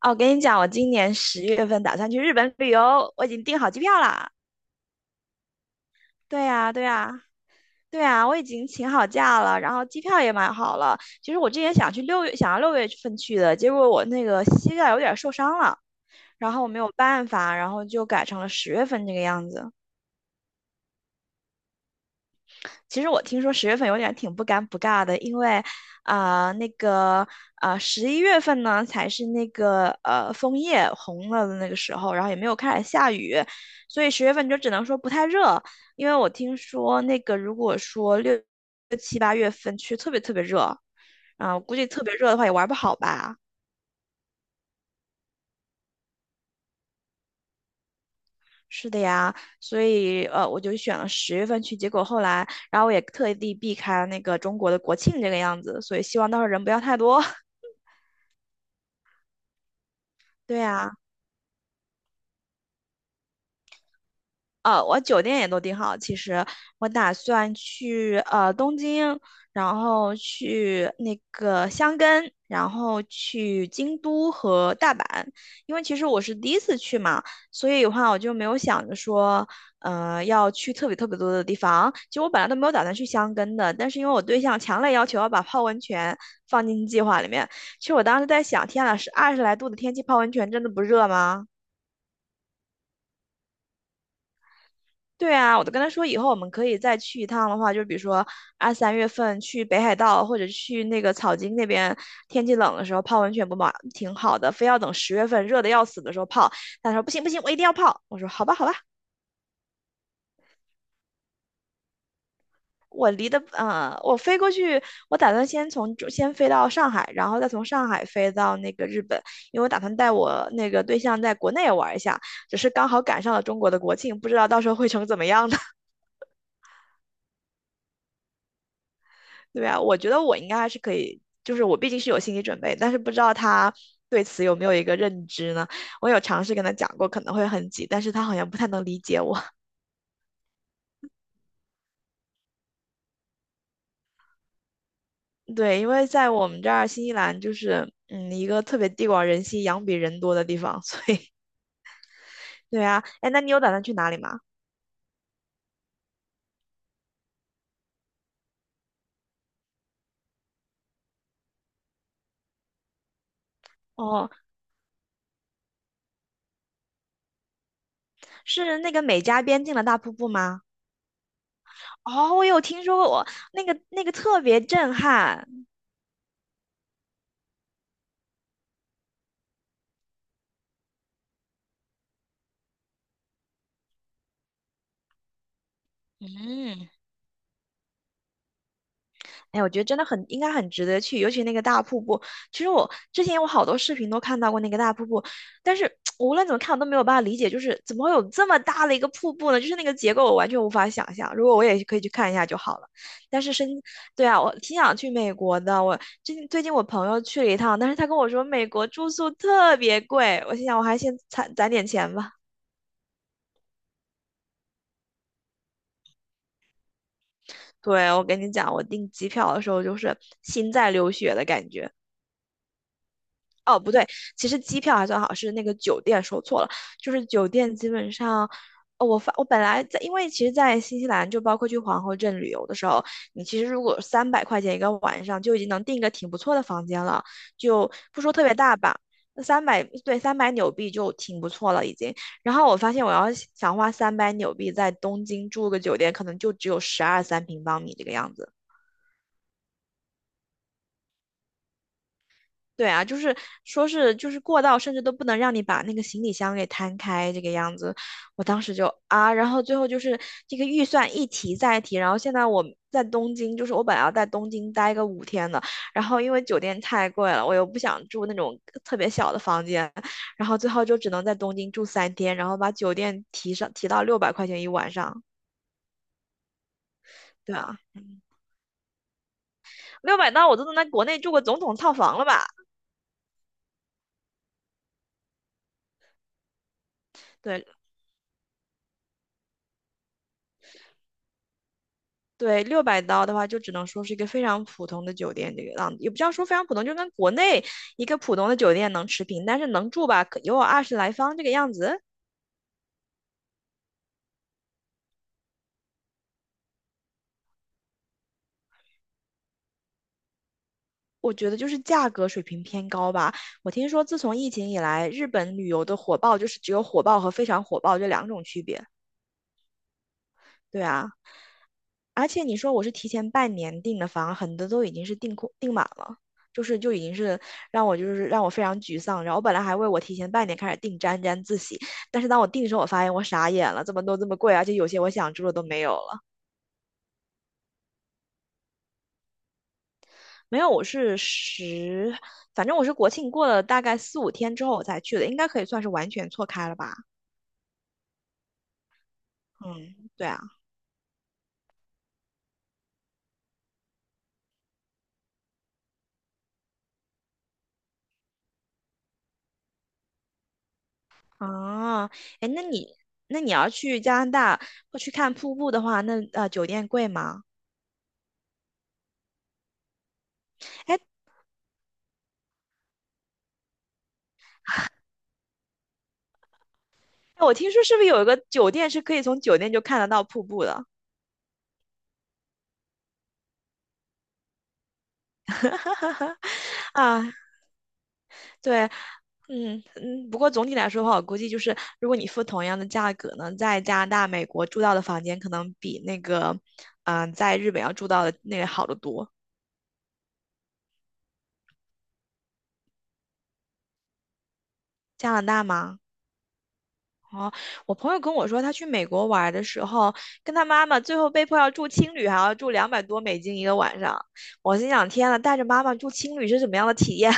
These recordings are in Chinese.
哦，我跟你讲，我今年十月份打算去日本旅游，我已经订好机票啦。对呀，对呀，对呀，我已经请好假了，然后机票也买好了。其实我之前想去六月，想要六月份去的，结果我那个膝盖有点受伤了，然后我没有办法，然后就改成了十月份这个样子。其实我听说十月份有点挺不尴不尬的，因为，啊、那个，11月份呢才是那个枫叶红了的那个时候，然后也没有开始下雨，所以十月份就只能说不太热。因为我听说那个如果说6、7、8月份去特别特别热，我估计特别热的话也玩不好吧。是的呀，所以我就选了十月份去，结果后来，然后我也特地避开了那个中国的国庆这个样子，所以希望到时候人不要太多。对啊，我酒店也都订好。其实我打算去东京，然后去那个箱根，然后去京都和大阪。因为其实我是第一次去嘛，所以的话我就没有想着说，要去特别特别多的地方。其实我本来都没有打算去箱根的，但是因为我对象强烈要求要把泡温泉放进计划里面，其实我当时在想，天呐，是20来度的天气泡温泉真的不热吗？对啊，我都跟他说，以后我们可以再去一趟的话，就比如说2、3月份去北海道或者去那个草津那边，天气冷的时候泡温泉不嘛挺好的，非要等十月份热的要死的时候泡。他说不行不行，我一定要泡。我说好吧好吧，我离的我飞过去，我打算先飞到上海，然后再从上海飞到那个日本，因为我打算带我那个对象在国内玩一下，只是刚好赶上了中国的国庆，不知道到时候会成怎么样呢。对啊，我觉得我应该还是可以，就是我毕竟是有心理准备，但是不知道他对此有没有一个认知呢？我有尝试跟他讲过可能会很挤，但是他好像不太能理解我。对，因为在我们这儿新西兰就是嗯一个特别地广人稀、羊比人多的地方，所以 对啊，哎，那你有打算去哪里吗？哦，是那个美加边境的大瀑布吗？哦，我有听说过，我那个特别震撼。嗯，哎，我觉得真的很应该很值得去，尤其那个大瀑布。其实我之前我好多视频都看到过那个大瀑布，但是无论怎么看我都没有办法理解，就是怎么会有这么大的一个瀑布呢？就是那个结构我完全无法想象。如果我也可以去看一下就好了。但是深，对啊，我挺想去美国的。我最近我朋友去了一趟，但是他跟我说美国住宿特别贵，我心想我还先攒攒点钱吧。对，我跟你讲，我订机票的时候就是心在流血的感觉。哦，不对，其实机票还算好，是那个酒店说错了，就是酒店基本上，哦，我本来在，因为其实，在新西兰就包括去皇后镇旅游的时候，你其实如果300块钱一个晚上就已经能订一个挺不错的房间了，就不说特别大吧，那三百对三百纽币就挺不错了已经。然后我发现我要想花三百纽币在东京住个酒店，可能就只有12、13平方米这个样子。对啊，就是说是就是过道，甚至都不能让你把那个行李箱给摊开这个样子。我当时就啊，然后最后就是这个预算一提再提，然后现在我在东京，就是我本来要在东京待个五天的，然后因为酒店太贵了，我又不想住那种特别小的房间，然后最后就只能在东京住3天，然后把酒店提到600块钱一晚上。对啊，六百刀我都能在国内住个总统套房了吧？对，对，六百刀的话，就只能说是一个非常普通的酒店，这个样子也不叫说非常普通，就跟国内一个普通的酒店能持平，但是能住吧，可有20来方这个样子，我觉得就是价格水平偏高吧。我听说自从疫情以来，日本旅游的火爆就是只有火爆和非常火爆这两种区别。对啊，而且你说我是提前半年订的房，很多都已经是订空订满了，就已经是让我非常沮丧。然后我本来还为我提前半年开始订沾沾自喜，但是当我订的时候，我发现我傻眼了，这么多这么贵，而且有些我想住的都没有了。没有，我是十，反正我是国庆过了大概4、5天之后我才去的，应该可以算是完全错开了吧？嗯，对啊，啊，哎，那你要去加拿大或去看瀑布的话，那酒店贵吗？哎，我听说是不是有一个酒店是可以从酒店就看得到瀑布的？啊，对，嗯嗯，不过总体来说的话，我估计就是如果你付同样的价格呢，在加拿大、美国住到的房间可能比那个，在日本要住到的那个好得多。加拿大吗？哦，我朋友跟我说，他去美国玩的时候，跟他妈妈最后被迫要住青旅，还要住200多美金一个晚上。我心想，天呐，带着妈妈住青旅是什么样的体验？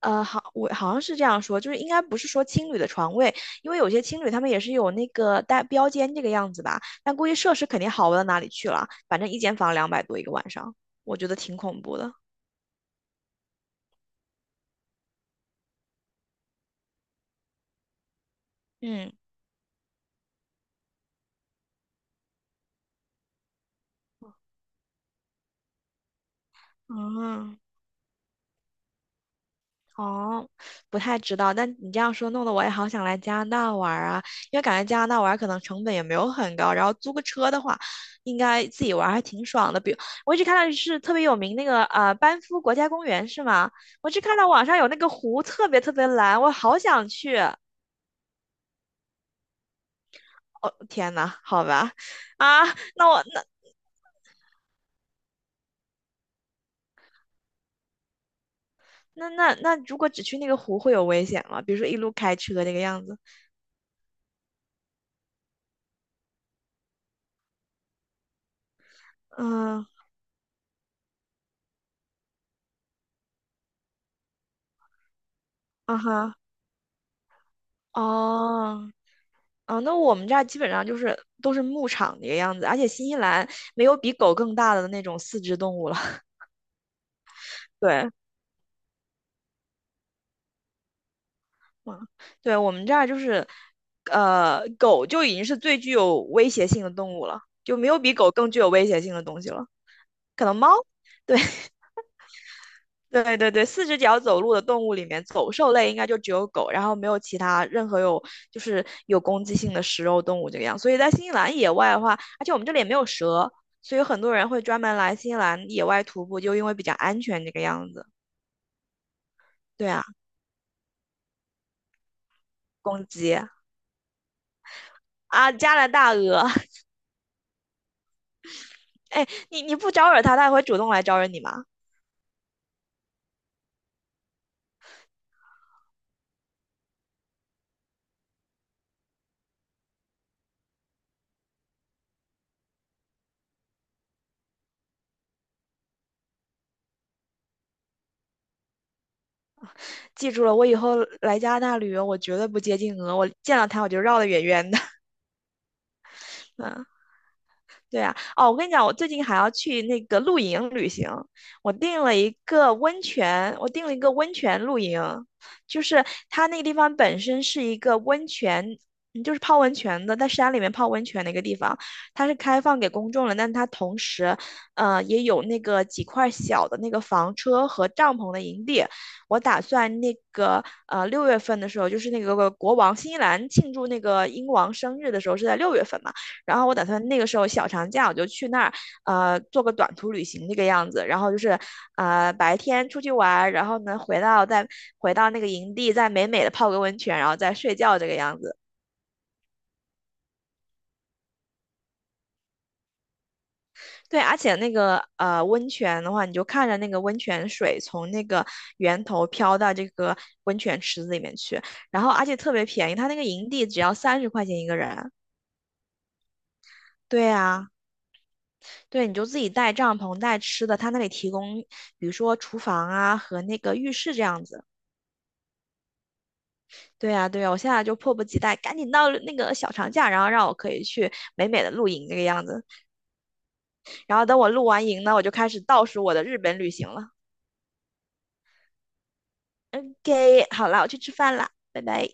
好，我好像是这样说，就是应该不是说青旅的床位，因为有些青旅他们也是有那个带标间这个样子吧，但估计设施肯定好不到哪里去了，反正一间房两百多一个晚上，我觉得挺恐怖的。嗯，啊。哦，不太知道，但你这样说，弄得我也好想来加拿大玩儿啊，因为感觉加拿大玩儿可能成本也没有很高，然后租个车的话，应该自己玩儿还挺爽的。比如我一直看到是特别有名那个班夫国家公园是吗？我只看到网上有那个湖特别特别蓝，我好想去。哦，天呐，好吧，啊，那我那那那那如果只去那个湖会有危险吗？比如说一路开车那个样子？嗯，啊哈，哦。啊，那我们这儿基本上就是都是牧场的一个样子，而且新西兰没有比狗更大的那种四肢动物了。对，嗯，对，我们这儿就是，狗就已经是最具有威胁性的动物了，就没有比狗更具有威胁性的东西了。可能猫，对。对对对，四只脚走路的动物里面，走兽类应该就只有狗，然后没有其他任何有就是有攻击性的食肉动物这个样。所以在新西兰野外的话，而且我们这里也没有蛇，所以很多人会专门来新西兰野外徒步，就因为比较安全这个样子。对啊，公鸡啊，加拿大鹅，哎，你不招惹它，它也会主动来招惹你吗？记住了，我以后来加拿大旅游，我绝对不接近鹅，我见到它我就绕得远远的。对啊，哦，我跟你讲，我最近还要去那个露营旅行，我订了一个温泉，我订了一个温泉露营，就是它那个地方本身是一个温泉，嗯就是泡温泉的，在山里面泡温泉的一个地方，它是开放给公众了，但它同时，也有那个几块小的那个房车和帐篷的营地。我打算那个六月份的时候，就是那个国王新西兰庆祝那个英王生日的时候是在六月份嘛。然后我打算那个时候小长假我就去那儿，做个短途旅行那个样子。然后就是，白天出去玩然后呢回到那个营地，再美美的泡个温泉，然后再睡觉这个样子。对，而且那个温泉的话，你就看着那个温泉水从那个源头飘到这个温泉池子里面去，然后而且特别便宜，它那个营地只要30块钱一个人。对啊。对，你就自己带帐篷、带吃的，他那里提供，比如说厨房啊和那个浴室这样子。对呀，对呀，我现在就迫不及待，赶紧到那个小长假，然后让我可以去美美的露营这个样子。然后等我露完营呢，我就开始倒数我的日本旅行了。OK，好了，我去吃饭啦，拜拜。